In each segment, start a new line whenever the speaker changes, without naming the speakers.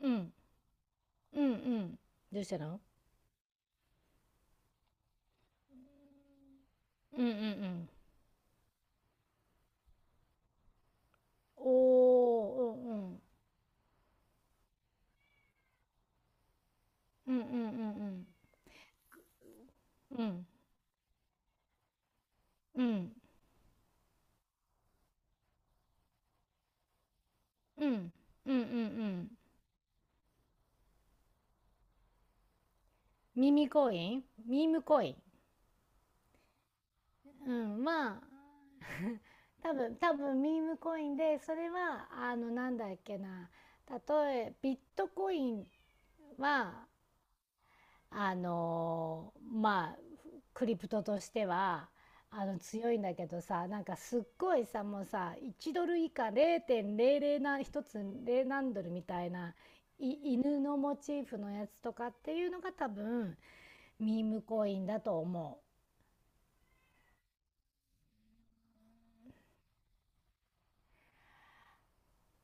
うん。うんうん。どうしたの？うんうんうん。おー、うんうん。うんうんうんうん。うん。うん。うんうんうん。ミームコイン。うん、まあ、多分ミームコインで、それは、なんだっけな。ビットコインは、あのまあクリプトとしては強いんだけどさ、なんかすっごいさ、もうさ、1ドル以下、0.00な、1つ0何ドルみたいない犬のモチーフのやつとかっていうのが多分ミームコインだと思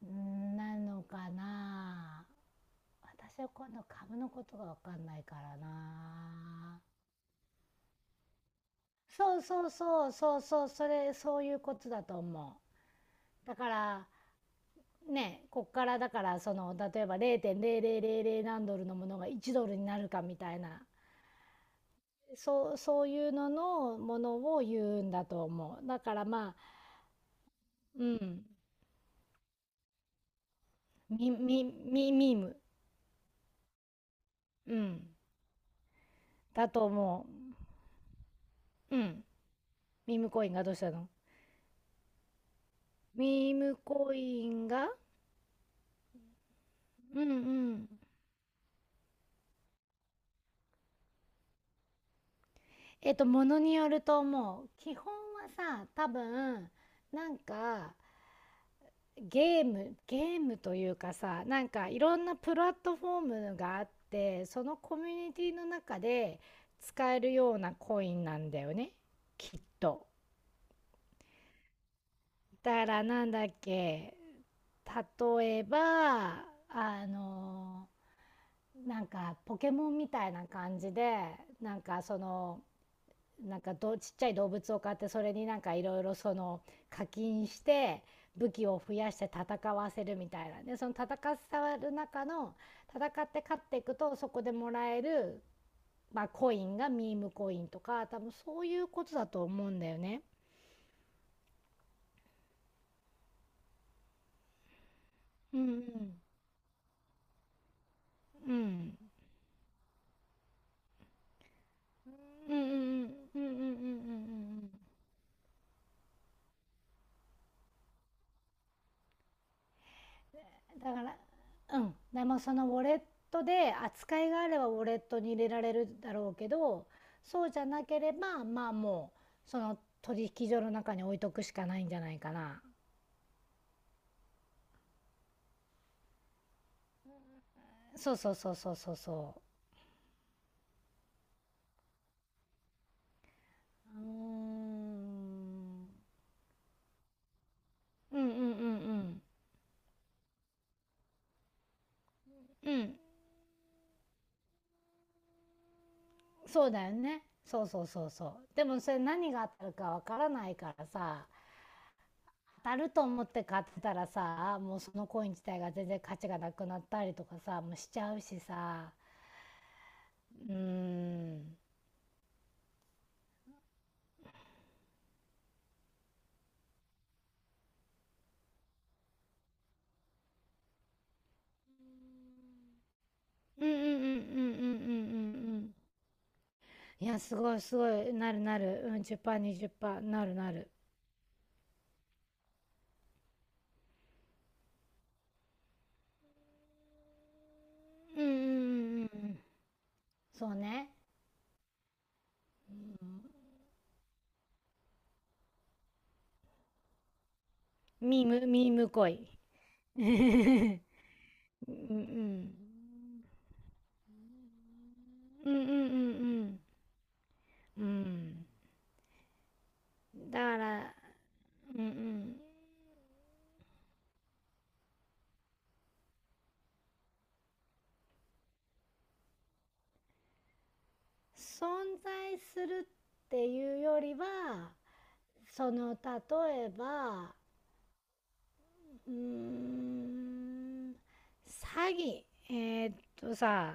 う。なのかな。私は今度株のことが分かんないからな。そうそうそうそうそう、それ、そういうことだと思う。だからね、こっからだから、その例えば0.0000何ドルのものが1ドルになるかみたいな、そう、そういうののものを言うんだと思う。だからまあ、うん。ミーム、うん、だと思う。うん。ミームコインがどうしたの？ミームコインが。うんうん。ものによると思う。基本はさ、多分、なんかゲームというかさ、なんかいろんなプラットフォームがあって、そのコミュニティの中で使えるようなコインなんだよね、きっと。だからなんだっけ、例えば、あの、なんかポケモンみたいな感じで、なんかその、なんかどちっちゃい動物を買って、それになんかいろいろその課金して武器を増やして戦わせるみたいな。でその戦わる中の、戦って勝っていくとそこでもらえる、まあ、コインがミームコインとか多分そういうことだと思うんだよね。うんうんうんうんうんうんうんうんうんうんうんうん。だから、うん。でもそのウォレットで扱いがあればウォレットに入れられるだろうけど、そうじゃなければ、まあ、もうその取引所の中に置いとくしかないんじゃないかな。そうそうそうそうそうそう。うーん、うんうんうんうんうん。そうだよね、そうそうそうそう。でもそれ、何が当たるかわからないからさ、当たると思って買ってたらさ、もうそのコイン自体が全然価値がなくなったりとかさ、もうしちゃうしさ。うん。うんうんうんうんうんうんうんうん。いや、すごいすごい。なるなる。うん、10%、20%。なるなる。うんうんうんうんうん。そうね。ミーム恋。うんうんうんうんうんうんうん。だから、うんうん、存在するっていうよりは、その例えば、うーん、詐欺、えーっさ、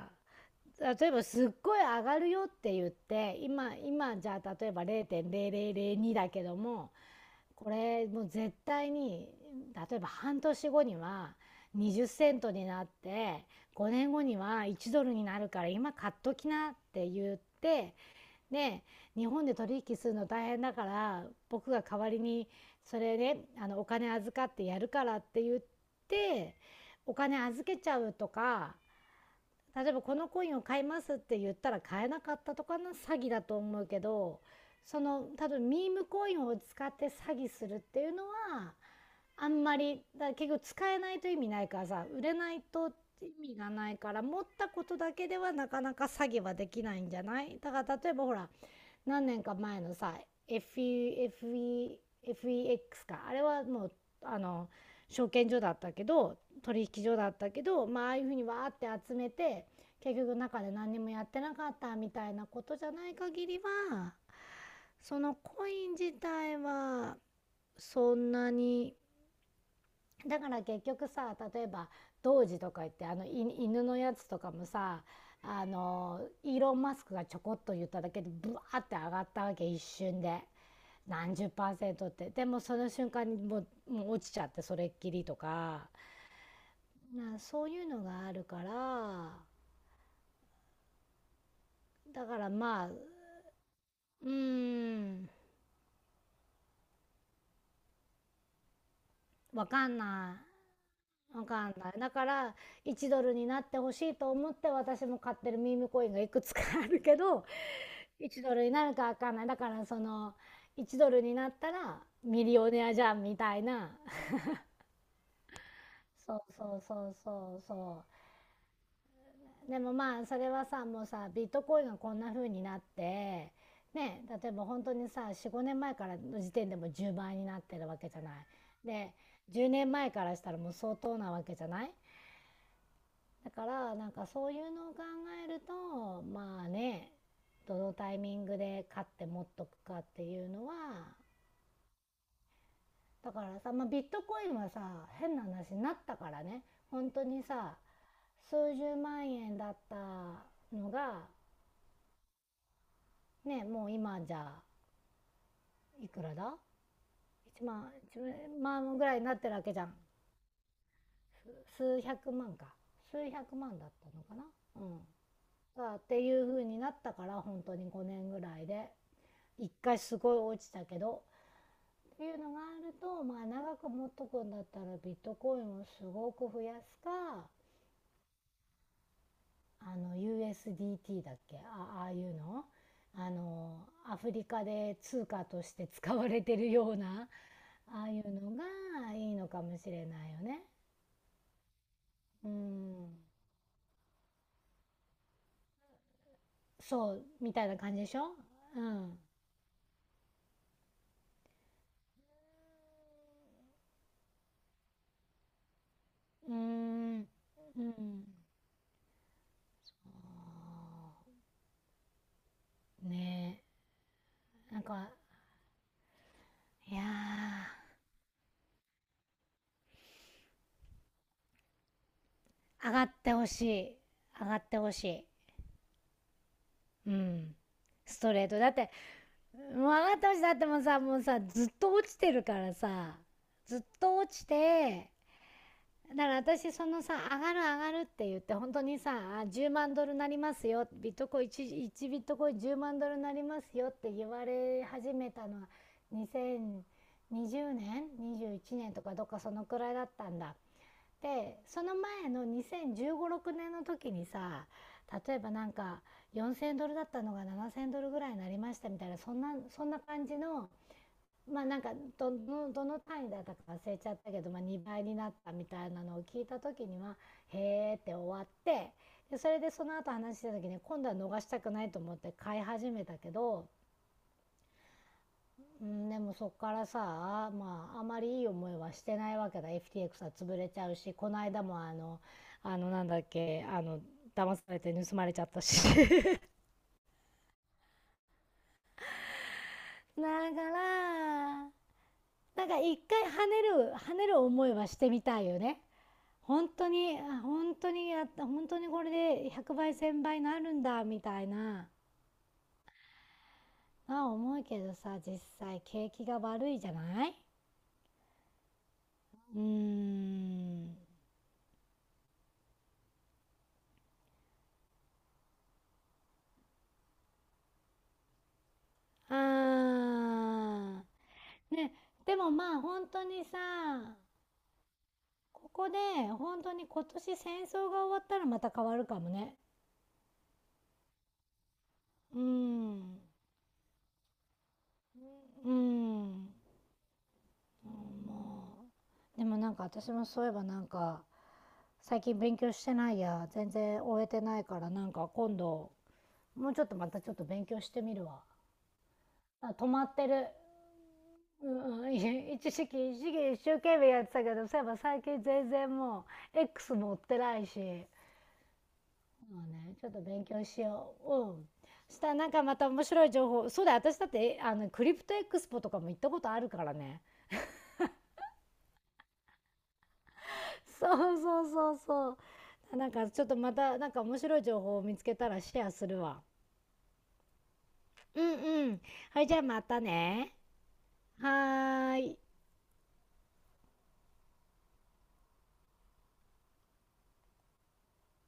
例えばすっごい上がるよって言って、今じゃあ例えば0.0002だけども、これもう絶対に、例えば半年後には20セントになって、5年後には1ドルになるから今買っときなって言って、ね、え、日本で取引するの大変だから僕が代わりに、それね、お金預かってやるからって言って、お金預けちゃうとか、例えばこのコインを買いますって言ったら買えなかったとかの詐欺だと思うけど。その、多分、ミームコインを使って詐欺するっていうのは、あんまりだ、結局使えないと意味ないからさ、売れないと意味がないから、持ったことだけではなかなか詐欺はできないんじゃない。だから例えばほら、何年か前のさ、 f E f e f e x か、あれはもう、あの証券所だったけど、取引所だったけど、まあ、ああいうふうにわーって集めて結局中で何にもやってなかったみたいなことじゃない限りは、そのコイン自体はそんなに、だから結局さ、例えば童子とか言って、あのい犬のやつとかもさ、あのイーロン・マスクがちょこっと言っただけでブワーって上がったわけ、一瞬で何十パーセントって。でもその瞬間にもう落ちちゃってそれっきりとか、な、そういうのがあるから。だからまあ、うーん、わかんない、わかんない。だから、1ドルになってほしいと思って私も買ってるミームコインがいくつかあるけど、1ドルになるかわかんない。だからその、1ドルになったらミリオネアじゃんみたいな。そうそうそうそうそう。でもまあそれはさ、もうさ、ビットコインがこんな風になってね、例えば本当にさ、45年前からの時点でも10倍になってるわけじゃない。で、10年前からしたらもう相当なわけじゃない。だからなんかそういうのを考えるとまあね、どのタイミングで買って持っとくかっていうのは。だからさ、まあ、ビットコインはさ、変な話になったからね。本当にさ、数十万円だったのがね、もう今じゃいくらだ、1万、1万ぐらいになってるわけじゃん。数百万か、数百万だったのかな。うん、だっていう風になったから。本当に5年ぐらいで一回すごい落ちたけどっていうのがあると、まあ長く持っとくんだったらビットコインをすごく増やすか、あの USDT だっけ、あ、ああいうの、あのアフリカで通貨として使われてるような、ああいうのがいいのかもしれないよね。うん、そうみたいな感じでしょ。うん。うーん。うん。あーね。え。なんか、いやー、上がってほしい。上がってほしい。うん。ストレート。だって、もう上がってほしい。だってもさ、もうさ、ずっと落ちてるからさ、ずっと落ちて、だから私そのさ、上がる上がるって言って本当にさ、10万ドルなりますよ、ビットコイン 1ビットコイン10万ドルなりますよって言われ始めたのは、2020年、21年とかどっかそのくらいだったんだ。でその前の20156年の時にさ、例えばなんか4,000ドルだったのが7,000ドルぐらいになりましたみたいな、そんな感じの、まあなんか、どの単位だったか忘れちゃったけど、まあ、2倍になったみたいなのを聞いた時には「へーって終わって。でそれで、その後話した時に今度は逃したくないと思って買い始めたけど。うん、でもそっからさ、まああまりいい思いはしてないわけだ。 FTX は潰れちゃうし、この間もなんだっけ、騙されて盗まれちゃったし、 だからなんか一回、跳ねる跳ねる思いはしてみたいよね。本当に本当にやった、本当にこれで100倍1000倍になるんだみたいな。思うけどさ、実際景気が悪いじゃない。うーん、あーね。でもまあ本当にさ、ここで本当に、今年戦争が終わったらまた変わるかもね。うーん、うーん、もう。でもなんか私もそういえばなんか、最近勉強してないや、全然終えてないからなんか今度、もうちょっとまたちょっと勉強してみるわ。あ、止まってる。うん、い一時期、一時期一生懸命やってたけど、そういえば最近全然もう、X 持ってないし、そうね、ちょっと勉強しよう。うん。したらなんかまた面白い情報。そうだよ、私だってあのクリプトエクスポとかも行ったことあるからね。そうそうそうそう。なんかちょっとまたなんか面白い情報を見つけたらシェアするわ。うんうん。はい、じゃあまたね。はーい。